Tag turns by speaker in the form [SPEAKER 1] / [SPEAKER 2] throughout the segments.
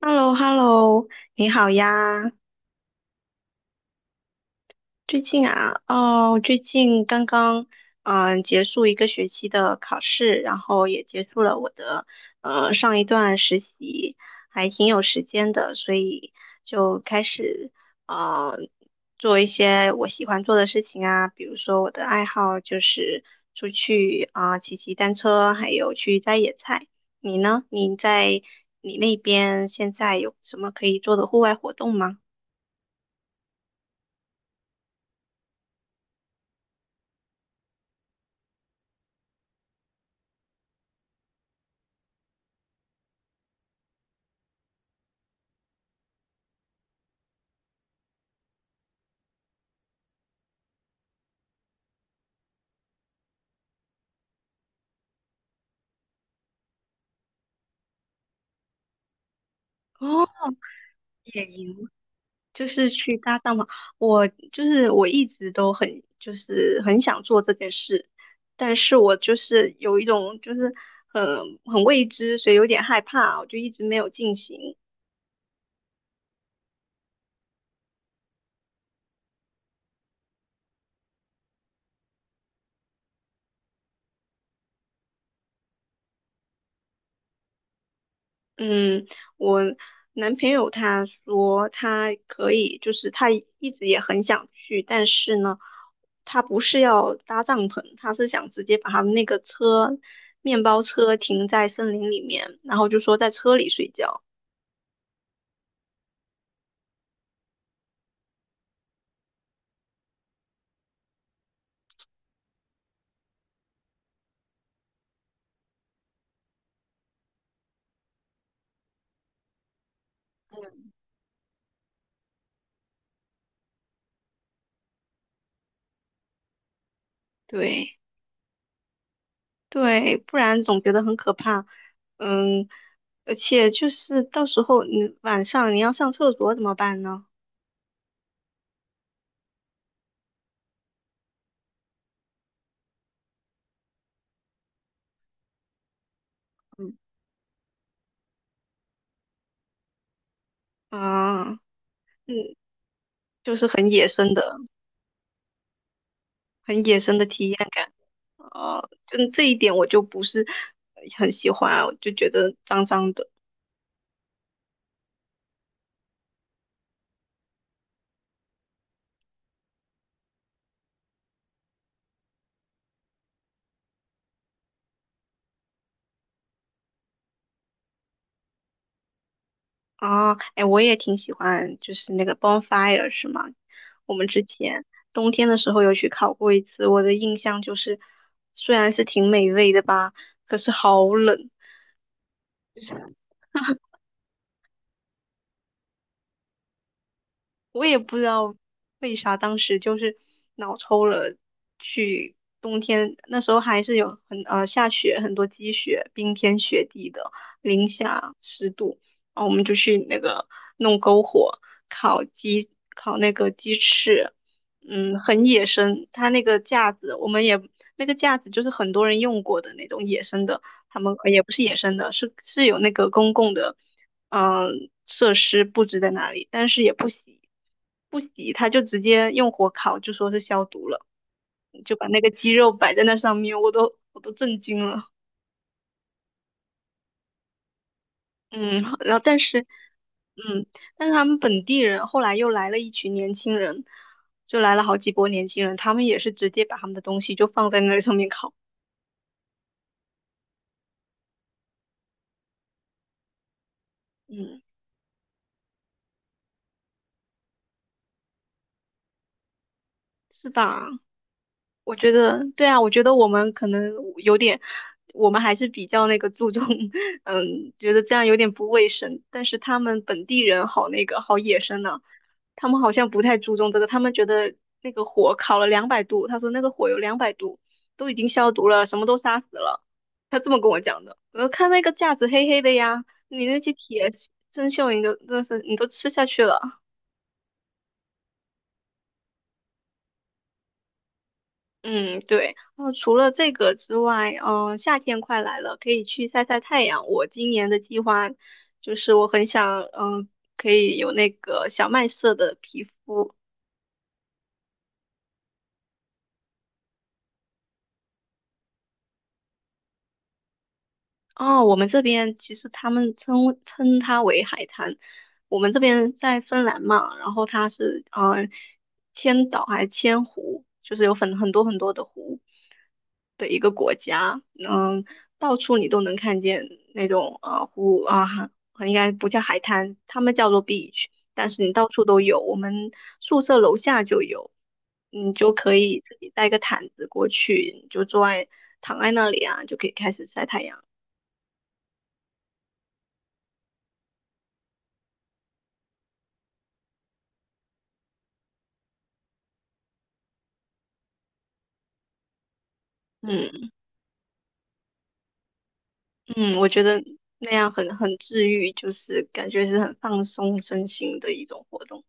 [SPEAKER 1] h e l l o hello 你好呀。最近啊，哦，最近刚刚结束一个学期的考试，然后也结束了我的上一段实习，还挺有时间的，所以就开始呃做一些我喜欢做的事情啊，比如说我的爱好就是出去啊、骑单车，还有去摘野菜。你呢？你那边现在有什么可以做的户外活动吗？哦，野营就是去搭帐篷。我就是我一直都很就是很想做这件事，但是我就是有一种就是很很未知，所以有点害怕，我就一直没有进行。嗯，我男朋友他说他可以，就是他一直也很想去，但是呢，他不是要搭帐篷，他是想直接把他们那个车面包车停在森林里面，然后就说在车里睡觉。对，对，不然总觉得很可怕。嗯，而且就是到时候你晚上你要上厕所怎么办呢？嗯，啊，嗯，就是很野生的，很野生的体验感。啊，嗯，这一点我就不是很喜欢，我就觉得脏脏的。啊，哎，我也挺喜欢，就是那个 bonfire 是吗？我们之前冬天的时候有去烤过一次，我的印象就是，虽然是挺美味的吧，可是好冷。我也不知道为啥当时就是脑抽了去冬天，那时候还是有很下雪，很多积雪，冰天雪地的，零下10度，然后我们就去那个弄篝火烤鸡，烤那个鸡翅，嗯，很野生，它那个架子我们也那个架子就是很多人用过的那种野生的，他们也不是野生的，是有那个公共的。设施布置在那里，但是也不洗，不洗他就直接用火烤，就说是消毒了，就把那个鸡肉摆在那上面，我都震惊了。嗯，然后但是，嗯，但是他们本地人后来又来了一群年轻人，就来了好几波年轻人，他们也是直接把他们的东西就放在那上面烤，嗯，是吧？我觉得对啊，我觉得我们可能有点，我们还是比较那个注重，嗯，觉得这样有点不卫生。但是他们本地人好那个好野生呢、他们好像不太注重这个，他们觉得那个火烤了两百度，他说那个火有两百度，都已经消毒了，什么都杀死了。他这么跟我讲的。我说看那个架子黑黑的呀，你那些铁生锈你都吃下去了。嗯，对。那除了这个之外，夏天快来了，可以去晒晒太阳。我今年的计划就是我很想，可以有那个小麦色的皮肤。哦，我们这边其实他们称它为海滩。我们这边在芬兰嘛，然后它是千岛还是千湖，就是有很多很多的湖的一个国家。嗯，到处你都能看见那种湖啊，应该不叫海滩，他们叫做 beach,但是你到处都有。我们宿舍楼下就有，你就可以自己带个毯子过去，你就坐在躺在那里啊，就可以开始晒太阳。嗯，嗯，我觉得那样很治愈，就是感觉是很放松身心的一种活动。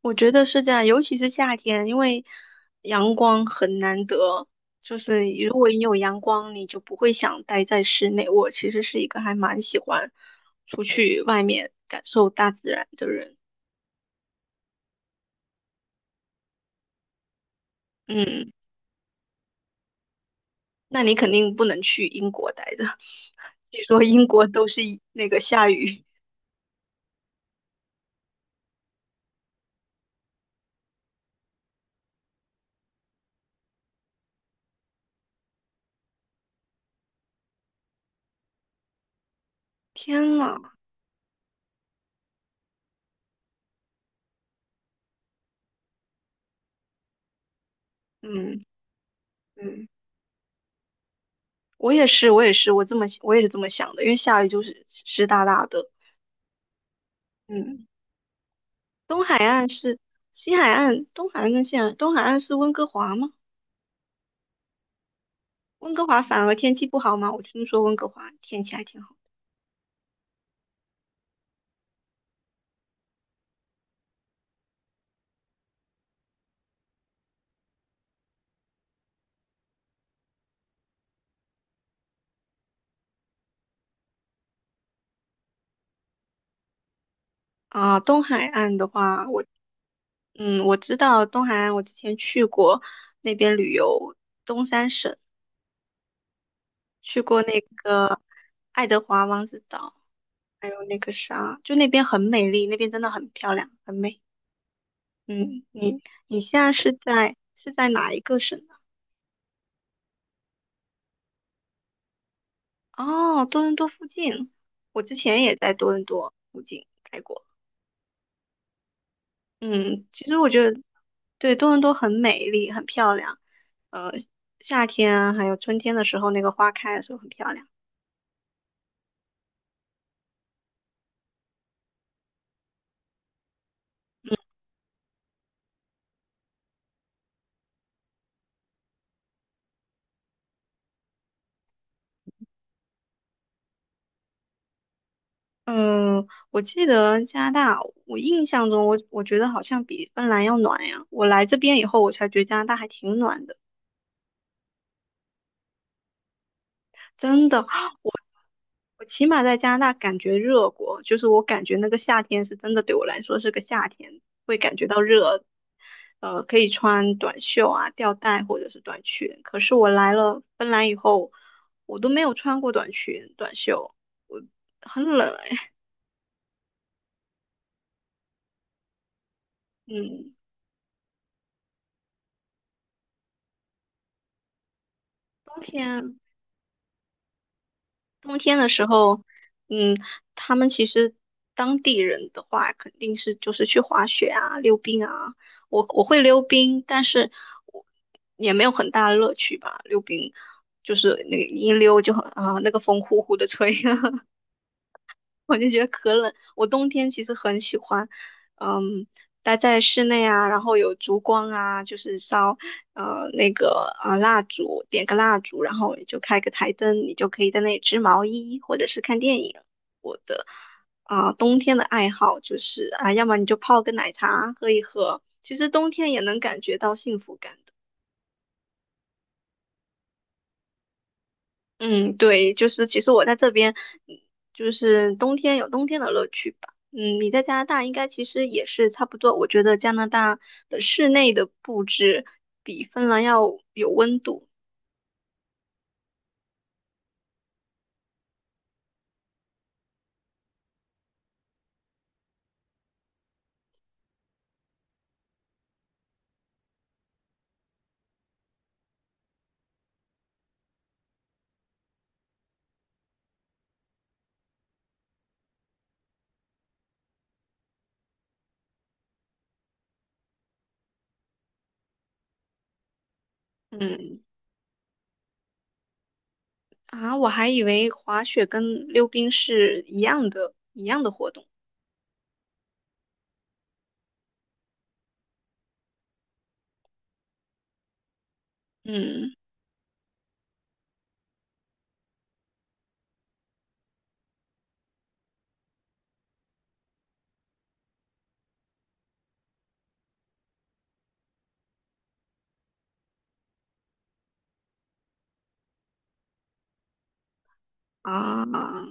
[SPEAKER 1] 我觉得是这样，尤其是夏天，因为阳光很难得，就是如果你有阳光，你就不会想待在室内。我其实是一个还蛮喜欢出去外面感受大自然的人。嗯，那你肯定不能去英国待着，据说英国都是那个下雨。天呐，嗯，嗯。我也是，我也是，我也是这么想的，因为下雨就是湿哒哒的。嗯，东海岸是西海岸，东海岸跟西海岸，东海岸是温哥华吗？温哥华反而天气不好吗？我听说温哥华天气还挺好啊。东海岸的话，嗯我知道东海岸，我之前去过那边旅游，东三省去过那个爱德华王子岛，还有那个啥，就那边很美丽，那边真的很漂亮，很美。嗯，你现在是在哪一个省呢？哦，多伦多附近，我之前也在多伦多附近待过。嗯，其实我觉得对多伦多很美丽，很漂亮。呃，夏天啊还有春天的时候，那个花开的时候很漂亮。嗯，我记得加拿大，我印象中我觉得好像比芬兰要暖呀。我来这边以后，我才觉得加拿大还挺暖的。真的，我我起码在加拿大感觉热过，就是我感觉那个夏天是真的对我来说是个夏天，会感觉到热，呃，可以穿短袖啊、吊带或者是短裙。可是我来了芬兰以后，我都没有穿过短裙、短袖，我很冷哎。嗯，冬天冬天的时候，嗯，他们其实当地人的话，肯定是就是去滑雪啊、溜冰啊。我会溜冰，但是我也没有很大的乐趣吧。溜冰就是那个一溜就很啊，那个风呼呼的吹，我就觉得可冷。我冬天其实很喜欢，嗯，待在室内啊，然后有烛光啊，就是烧蜡烛，点个蜡烛，然后你就开个台灯，你就可以在那里织毛衣或者是看电影。我的啊、冬天的爱好就是啊，要么你就泡个奶茶喝一喝，其实冬天也能感觉到幸福感。嗯，对，就是其实我在这边，嗯就是冬天有冬天的乐趣吧。嗯，你在加拿大应该其实也是差不多。我觉得加拿大的室内的布置比芬兰要有温度。嗯，啊，我还以为滑雪跟溜冰是一样的，一样的活动。嗯，啊，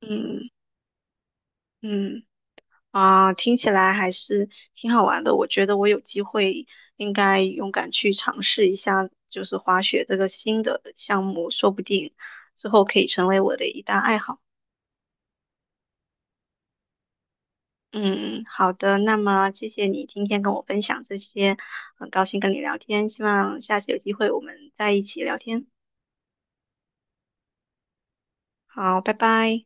[SPEAKER 1] 嗯，嗯。啊，听起来还是挺好玩的。我觉得我有机会应该勇敢去尝试一下，就是滑雪这个新的项目，说不定之后可以成为我的一大爱好。嗯，好的，那么谢谢你今天跟我分享这些，很高兴跟你聊天，希望下次有机会我们再一起聊天。好，拜拜。